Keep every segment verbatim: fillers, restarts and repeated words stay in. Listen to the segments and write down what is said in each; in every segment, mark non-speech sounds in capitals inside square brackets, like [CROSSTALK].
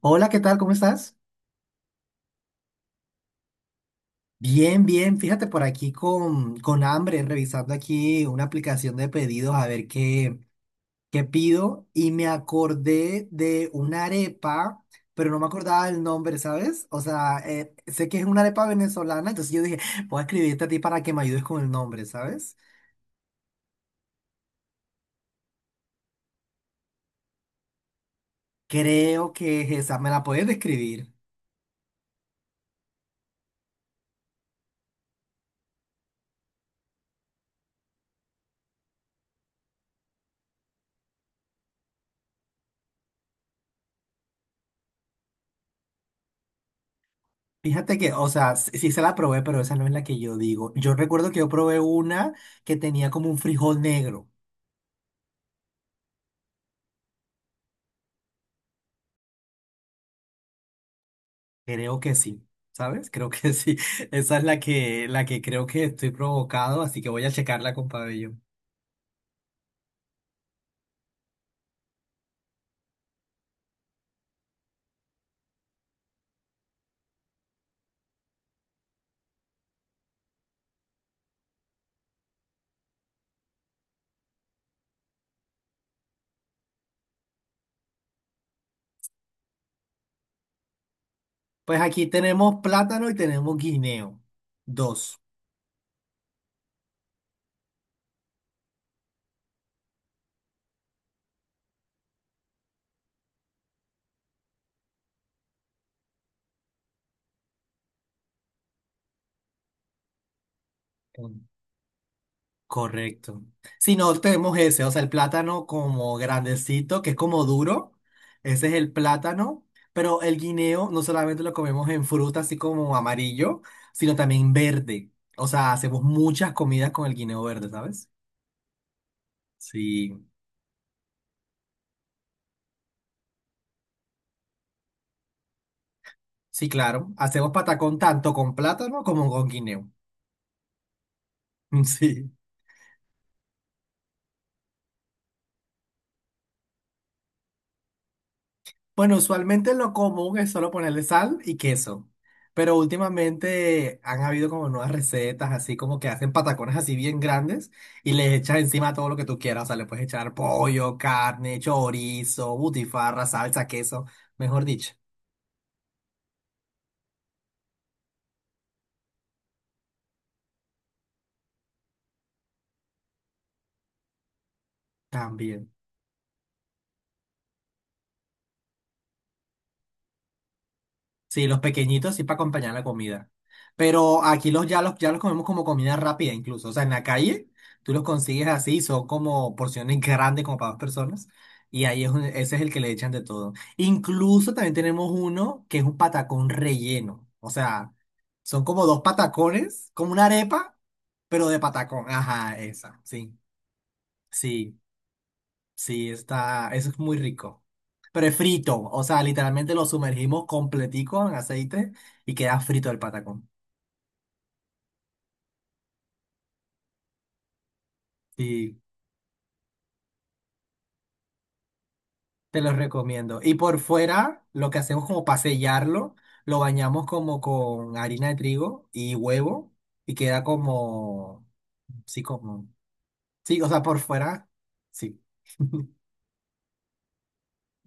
Hola, ¿qué tal? ¿Cómo estás? Bien, bien. Fíjate por aquí con, con hambre, revisando aquí una aplicación de pedidos a ver qué, qué pido. Y me acordé de una arepa, pero no me acordaba el nombre, ¿sabes? O sea, eh, sé que es una arepa venezolana, entonces yo dije, [LAUGHS] voy a escribirte a ti para que me ayudes con el nombre, ¿sabes? Creo que es esa. ¿Me la puedes describir? Fíjate que, o sea, sí sí se la probé, pero esa no es la que yo digo. Yo recuerdo que yo probé una que tenía como un frijol negro. Creo que sí, ¿sabes? Creo que sí. [LAUGHS] Esa es la que, la que creo que estoy provocado, así que voy a checarla con pabellón. Pues aquí tenemos plátano y tenemos guineo. Dos. Mm. Correcto. Si no, tenemos ese, o sea, el plátano como grandecito, que es como duro. Ese es el plátano, pero el guineo no solamente lo comemos en fruta, así como amarillo, sino también verde. O sea, hacemos muchas comidas con el guineo verde, ¿sabes? Sí. Sí, claro. Hacemos patacón tanto con plátano como con guineo. [LAUGHS] Sí. Bueno, usualmente lo común es solo ponerle sal y queso. Pero últimamente han habido como nuevas recetas, así como que hacen patacones así bien grandes y le echas encima todo lo que tú quieras. O sea, le puedes echar pollo, carne, chorizo, butifarra, salsa, queso, mejor dicho. También. Sí, los pequeñitos sí para acompañar la comida. Pero aquí los ya los ya los comemos como comida rápida incluso. O sea, en la calle tú los consigues así, son como porciones [LAUGHS] grandes como para dos personas. Y ahí es un- ese es el que le echan de todo. Incluso también tenemos uno que es un patacón relleno. O sea, son como dos patacones, como una arepa, pero de patacón. Ajá, esa, sí, sí. Sí, está, eso es muy rico. Prefrito, o sea, literalmente lo sumergimos completico en aceite y queda frito el patacón. Sí, te lo recomiendo. Y por fuera, lo que hacemos como para sellarlo, lo bañamos como con harina de trigo y huevo y queda como, sí, como, sí, o sea, por fuera, sí.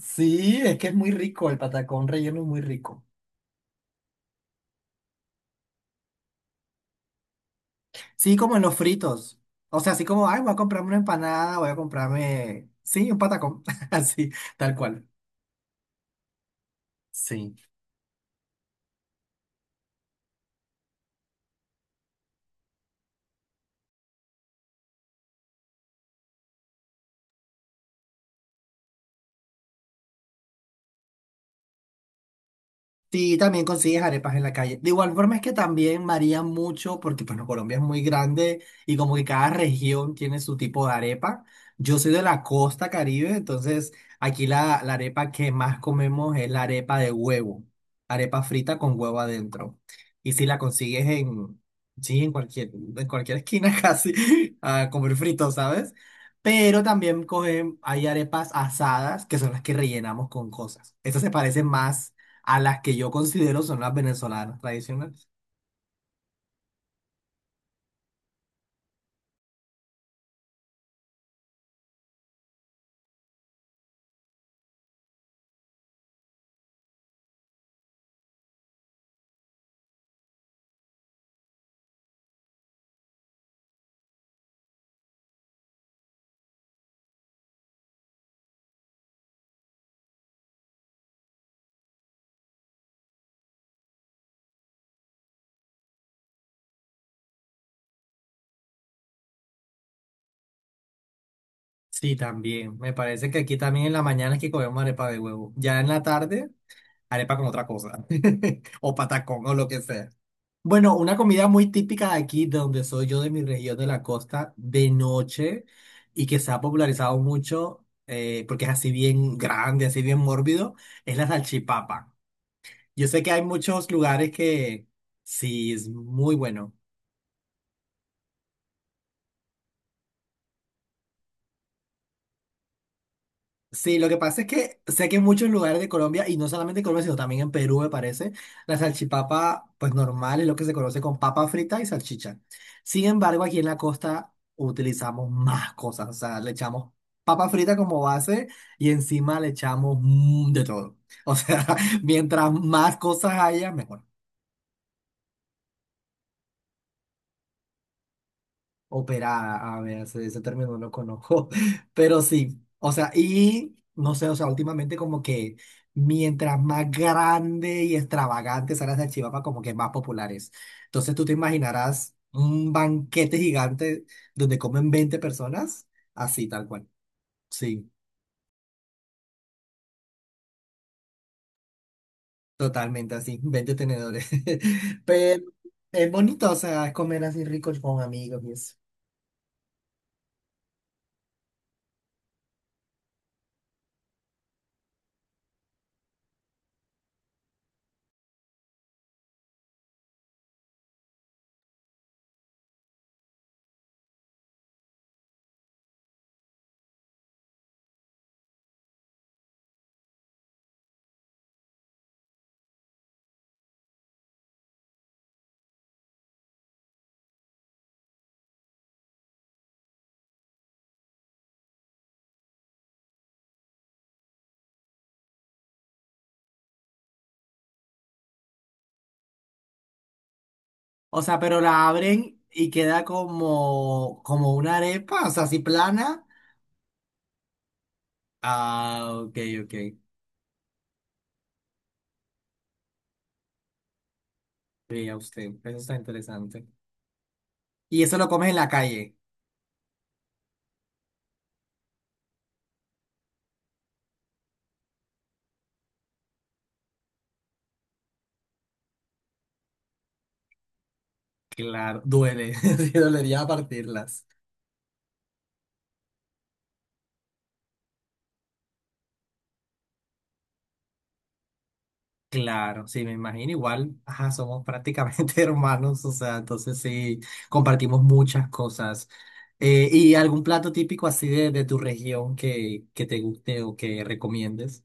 Sí, es que es muy rico, el patacón relleno es muy rico. Sí, como en los fritos. O sea, así como, ay, voy a comprarme una empanada, voy a comprarme, sí, un patacón. [LAUGHS] Así, tal cual. Sí. Sí, también consigues arepas en la calle. De igual forma es que también varía mucho porque bueno, Colombia es muy grande y como que cada región tiene su tipo de arepa. Yo soy de la costa Caribe, entonces aquí la, la arepa que más comemos es la arepa de huevo, arepa frita con huevo adentro. Y si la consigues en, sí, en cualquier, en cualquier esquina [LAUGHS] casi, a comer frito, ¿sabes? Pero también cogen, hay arepas asadas que son las que rellenamos con cosas. Estas se parecen más a las que yo considero son las venezolanas tradicionales. Sí, también. Me parece que aquí también en la mañana es que comemos arepa de huevo. Ya en la tarde, arepa con otra cosa. [LAUGHS] O patacón o lo que sea. Bueno, una comida muy típica de aquí, de donde soy yo, de mi región de la costa, de noche, y que se ha popularizado mucho, eh, porque es así bien grande, así bien mórbido, es la salchipapa. Yo sé que hay muchos lugares que sí, es muy bueno. Sí, lo que pasa es que sé que en muchos lugares de Colombia, y no solamente en Colombia, sino también en Perú, me parece, la salchipapa, pues normal, es lo que se conoce con papa frita y salchicha. Sin embargo, aquí en la costa utilizamos más cosas, o sea, le echamos papa frita como base y encima le echamos mm, de todo. O sea, [LAUGHS] mientras más cosas haya, mejor. Operada, a ver, ese, ese término no conozco, [LAUGHS] pero sí, o sea, y no sé, o sea, últimamente como que mientras más grande y extravagante sea la salchipapa, como que más populares. Entonces tú te imaginarás un banquete gigante donde comen veinte personas, así tal cual, sí, totalmente así, veinte tenedores, [LAUGHS] pero es bonito, o sea, es comer así rico con amigos y eso. O sea, pero la abren y queda como, como una arepa, o sea, así plana. Ah, ok, ok. Vea usted, eso está interesante. Y eso lo comes en la calle. Claro, duele. [LAUGHS] Sí, dolería partirlas. Claro, sí, me imagino. Igual, ajá, somos prácticamente [LAUGHS] hermanos, o sea, entonces sí, compartimos muchas cosas. Eh, ¿y algún plato típico así de, de tu región que, que te guste o que recomiendes?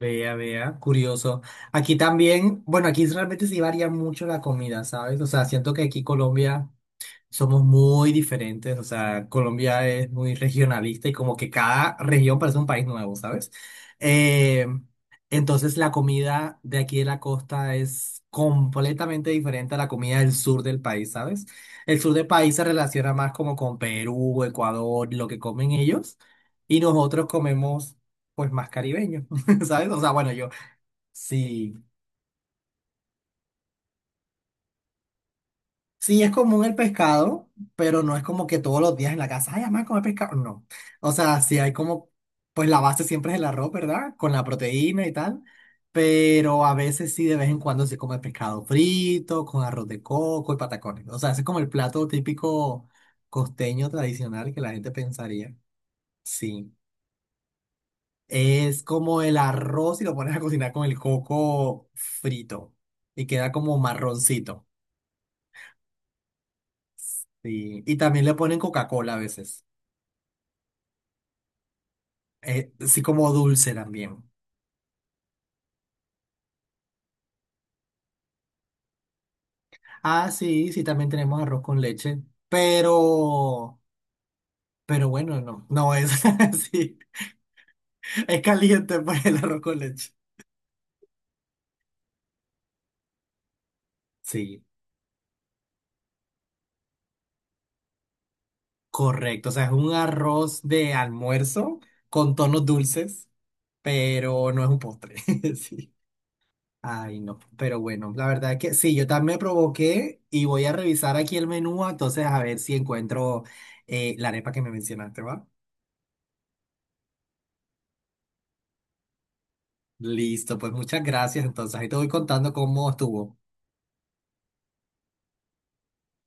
Vea, vea, curioso. Aquí también, bueno, aquí realmente sí varía mucho la comida, ¿sabes? O sea, siento que aquí Colombia somos muy diferentes, o sea, Colombia es muy regionalista y como que cada región parece un país nuevo, ¿sabes? Eh, entonces la comida de aquí de la costa es completamente diferente a la comida del sur del país, ¿sabes? El sur del país se relaciona más como con Perú, Ecuador, lo que comen ellos, y nosotros comemos pues más caribeño, [LAUGHS] ¿sabes? O sea, bueno, yo sí. Sí, es común el pescado, pero no es como que todos los días en la casa, ay, mamá, comer pescado. No. O sea, sí hay como, pues la base siempre es el arroz, ¿verdad? Con la proteína y tal. Pero a veces sí, de vez en cuando se come pescado frito, con arroz de coco y patacones. O sea, ese es como el plato típico costeño tradicional que la gente pensaría. Sí. Es como el arroz y lo pones a cocinar con el coco frito y queda como marroncito. Sí. Y también le ponen Coca-Cola a veces. eh, así como dulce también. Ah, sí, sí, también tenemos arroz con leche, pero, pero bueno, no, no es [LAUGHS] así, es caliente pues el arroz con leche. Sí, correcto, o sea, es un arroz de almuerzo con tonos dulces, pero no es un postre, [LAUGHS] sí. Ay, no, pero bueno, la verdad es que sí, yo también me provoqué y voy a revisar aquí el menú, entonces a ver si encuentro eh, la arepa que me mencionaste, ¿va? Listo, pues muchas gracias. Entonces, ahí te voy contando cómo estuvo.